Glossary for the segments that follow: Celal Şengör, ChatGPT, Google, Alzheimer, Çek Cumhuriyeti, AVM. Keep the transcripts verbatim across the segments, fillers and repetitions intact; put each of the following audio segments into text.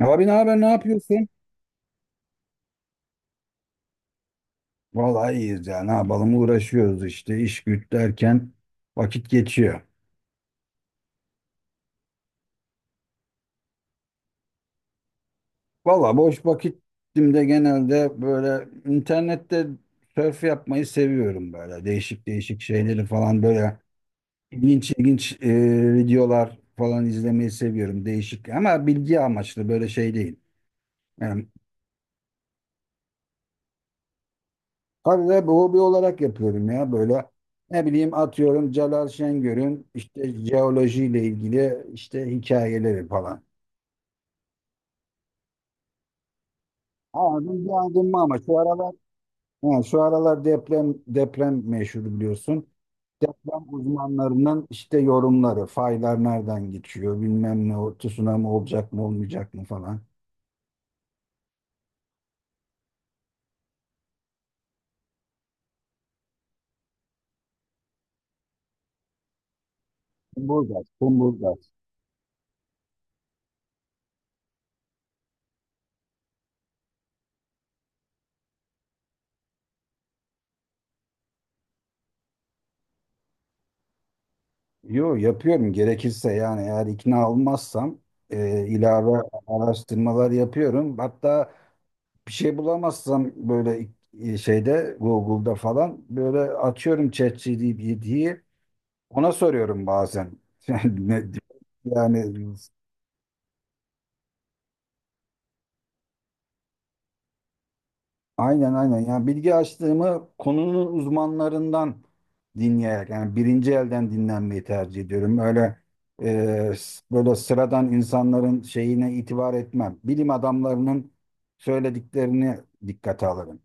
Abi ne haber, ne yapıyorsun? Vallahi iyiyiz ya. Ne yapalım? Uğraşıyoruz işte iş güç derken vakit geçiyor. Vallahi boş vakitimde genelde böyle internette surf yapmayı seviyorum böyle. Değişik değişik şeyleri falan böyle ilginç ilginç e, videolar falan izlemeyi seviyorum. Değişik ama bilgi amaçlı böyle şey değil. Yani tabii bu hobi olarak yapıyorum ya böyle ne bileyim atıyorum Celal Şengör'ün işte jeolojiyle ilgili işte hikayeleri falan. Aldım aldım ama şu aralar he, şu aralar deprem deprem meşhur biliyorsun. Deprem uzmanlarının işte yorumları, faylar nereden geçiyor, bilmem ne, o tsunami olacak mı olmayacak mı falan. Kumburgaz, kumburgaz. Yo, yapıyorum gerekirse yani eğer ikna olmazsam e, ilave araştırmalar yapıyorum. Hatta bir şey bulamazsam böyle e, şeyde Google'da falan böyle açıyorum ChatGPT'yi, ona soruyorum bazen. Yani, ne- yani aynen aynen, yani bilgi açlığımı konunun uzmanlarından dinleyerek yani birinci elden dinlenmeyi tercih ediyorum. Öyle e, s- böyle sıradan insanların şeyine itibar etmem. Bilim adamlarının söylediklerini dikkate alırım.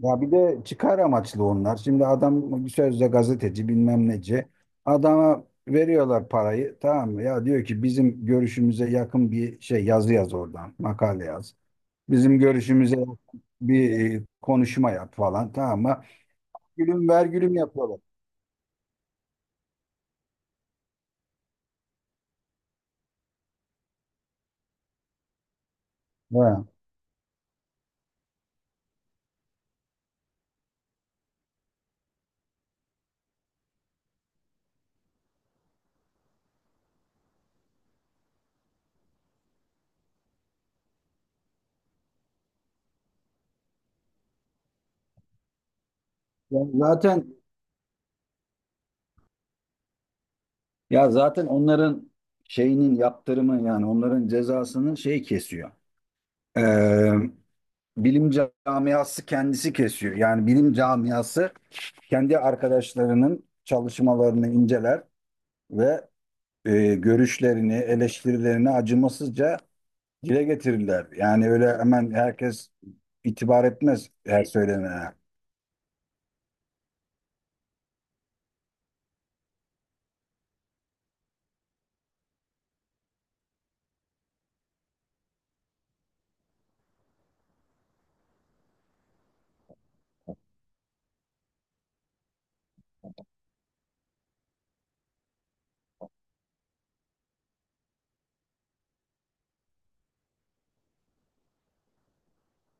Ya bir de çıkar amaçlı onlar. Şimdi adam bir sözde gazeteci bilmem neci. Adama veriyorlar parayı, tamam mı? Ya diyor ki bizim görüşümüze yakın bir şey, yazı yaz oradan. Makale yaz. Bizim görüşümüze yakın bir e, konuşma yap falan, tamam mı? Gülüm ver gülüm yapıyorlar. Ha. Ya zaten ya zaten onların şeyinin yaptırımı, yani onların cezasının şey kesiyor. Bilim camiası kendisi kesiyor. Yani bilim camiası kendi arkadaşlarının çalışmalarını inceler ve e, görüşlerini, eleştirilerini acımasızca dile getirirler. Yani öyle hemen herkes itibar etmez her söylenene.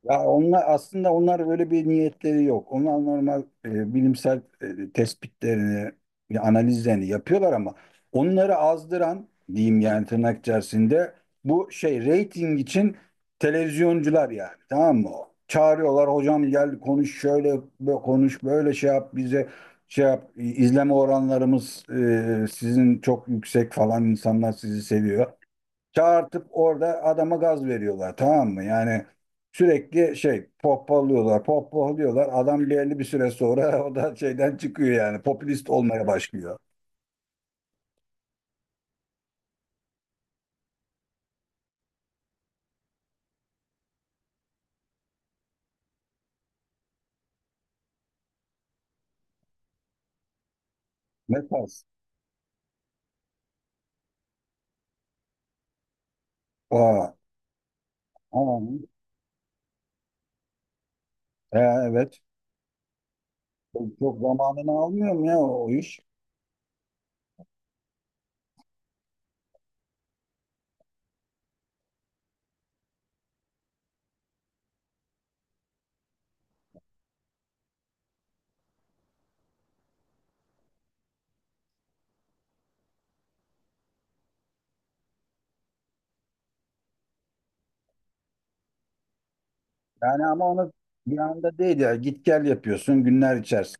Ya onlar aslında, onlar böyle bir niyetleri yok. Onlar normal e, bilimsel e, tespitlerini, e, analizlerini yapıyorlar ama onları azdıran diyeyim, yani tırnak içerisinde, bu şey reyting için televizyoncular yani, tamam mı? Çağırıyorlar, hocam gel konuş şöyle bö- konuş böyle, şey yap bize, şey yap, izleme oranlarımız e, sizin çok yüksek falan, insanlar sizi seviyor, çağırtıp orada adama gaz veriyorlar, tamam mı? Yani sürekli şey, pohpohluyorlar, pohpohluyorlar. Adam belli bir süre sonra o da şeyden çıkıyor yani, popülist olmaya başlıyor. Ne tarz? Aa, aa, e, evet. Çok, çok zamanını almıyor mu ya o o iş? Yani ama onu bir anda değil ya, git gel yapıyorsun günler içerisinde.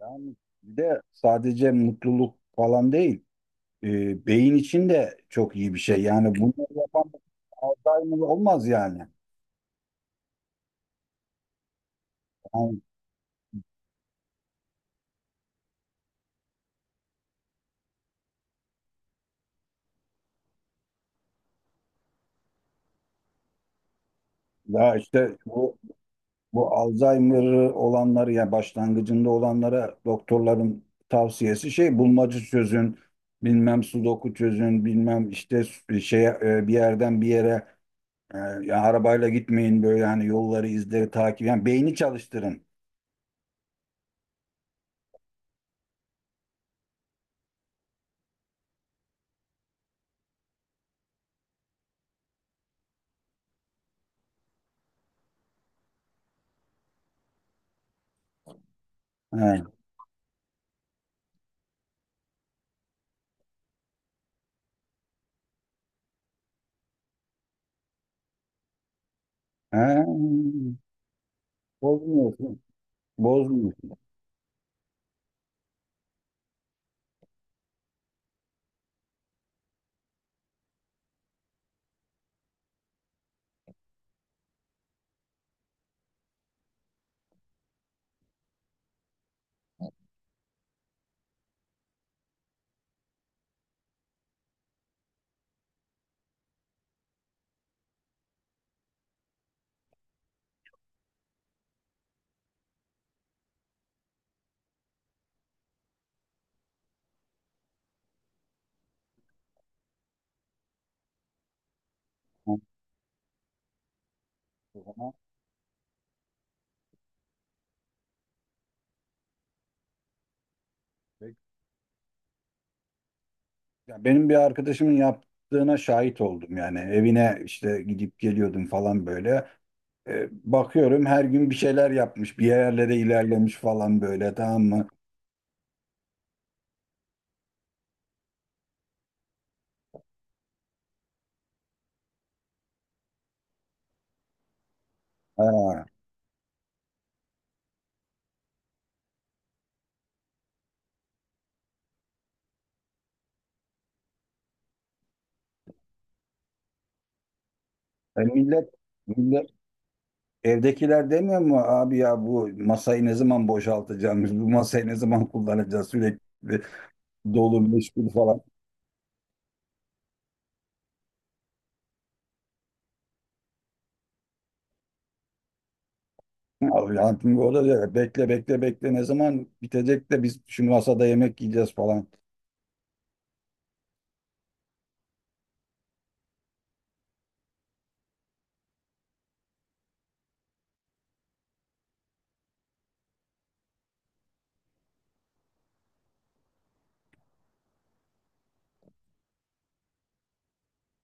Yani bir de sadece mutluluk falan değil. E, beyin için de çok iyi bir şey. Yani bunu yapan Alzheimer olmaz yani. Yani ya işte bu, bu Alzheimer olanları ya başlangıcında olanlara doktorların tavsiyesi şey, bulmaca çözün, bilmem sudoku çözün, bilmem işte şey, bir yerden bir yere e, ya arabayla gitmeyin böyle, yani yolları izleri takip, yani beyni çalıştırın. He. He. Bozmuyorsun. Bozmuyorsun. Tamam, o zaman. Ya benim bir arkadaşımın yaptığına şahit oldum yani, evine işte gidip geliyordum falan böyle. E, bakıyorum her gün bir şeyler yapmış, bir yerlere ilerlemiş falan böyle, tamam mı? Ha. E, millet, millet evdekiler demiyor mu abi ya, bu masayı ne zaman boşaltacağımız, bu masayı ne zaman kullanacağız, sürekli dolu meşgul falan. Abi hayatım o da diyor, bekle bekle bekle, ne zaman bitecek de biz şu masada yemek yiyeceğiz falan.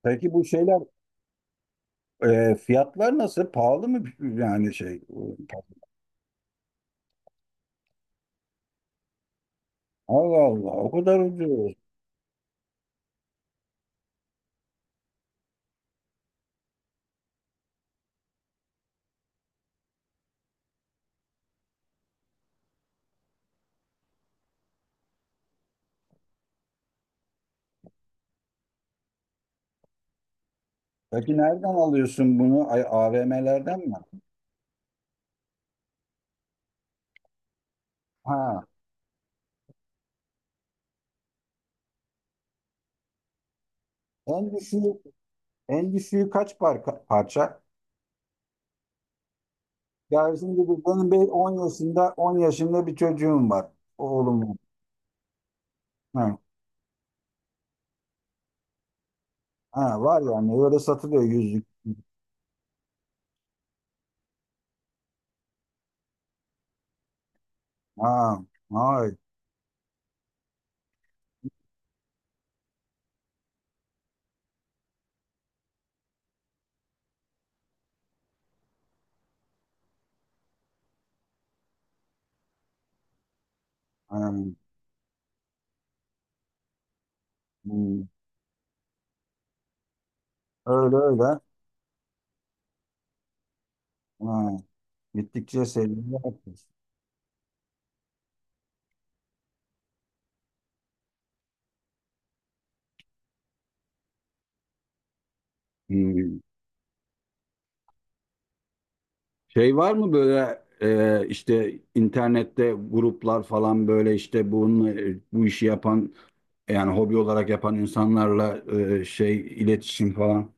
Peki bu şeyler, Ee, fiyatlar nasıl? Pahalı mı yani şey? Allah Allah, o kadar ucuz. Peki nereden alıyorsun bunu? Ay, A V M'lerden mi? Ha, en düşüğü, en düşüğü kaç parka, parça? Ya şimdi bu- benim bir on yaşında, on yaşında bir çocuğum var. Oğlum var. Ha, ha, var yani, öyle satılıyor yüzlük. Ha, ay, ha, hmm. Öyle öyle. Ha, gittikçe seviyor. Hmm. Şey var mı böyle e, işte internette gruplar falan, böyle işte bunun e, bu işi yapan yani hobi olarak yapan insanlarla e, şey iletişim falan.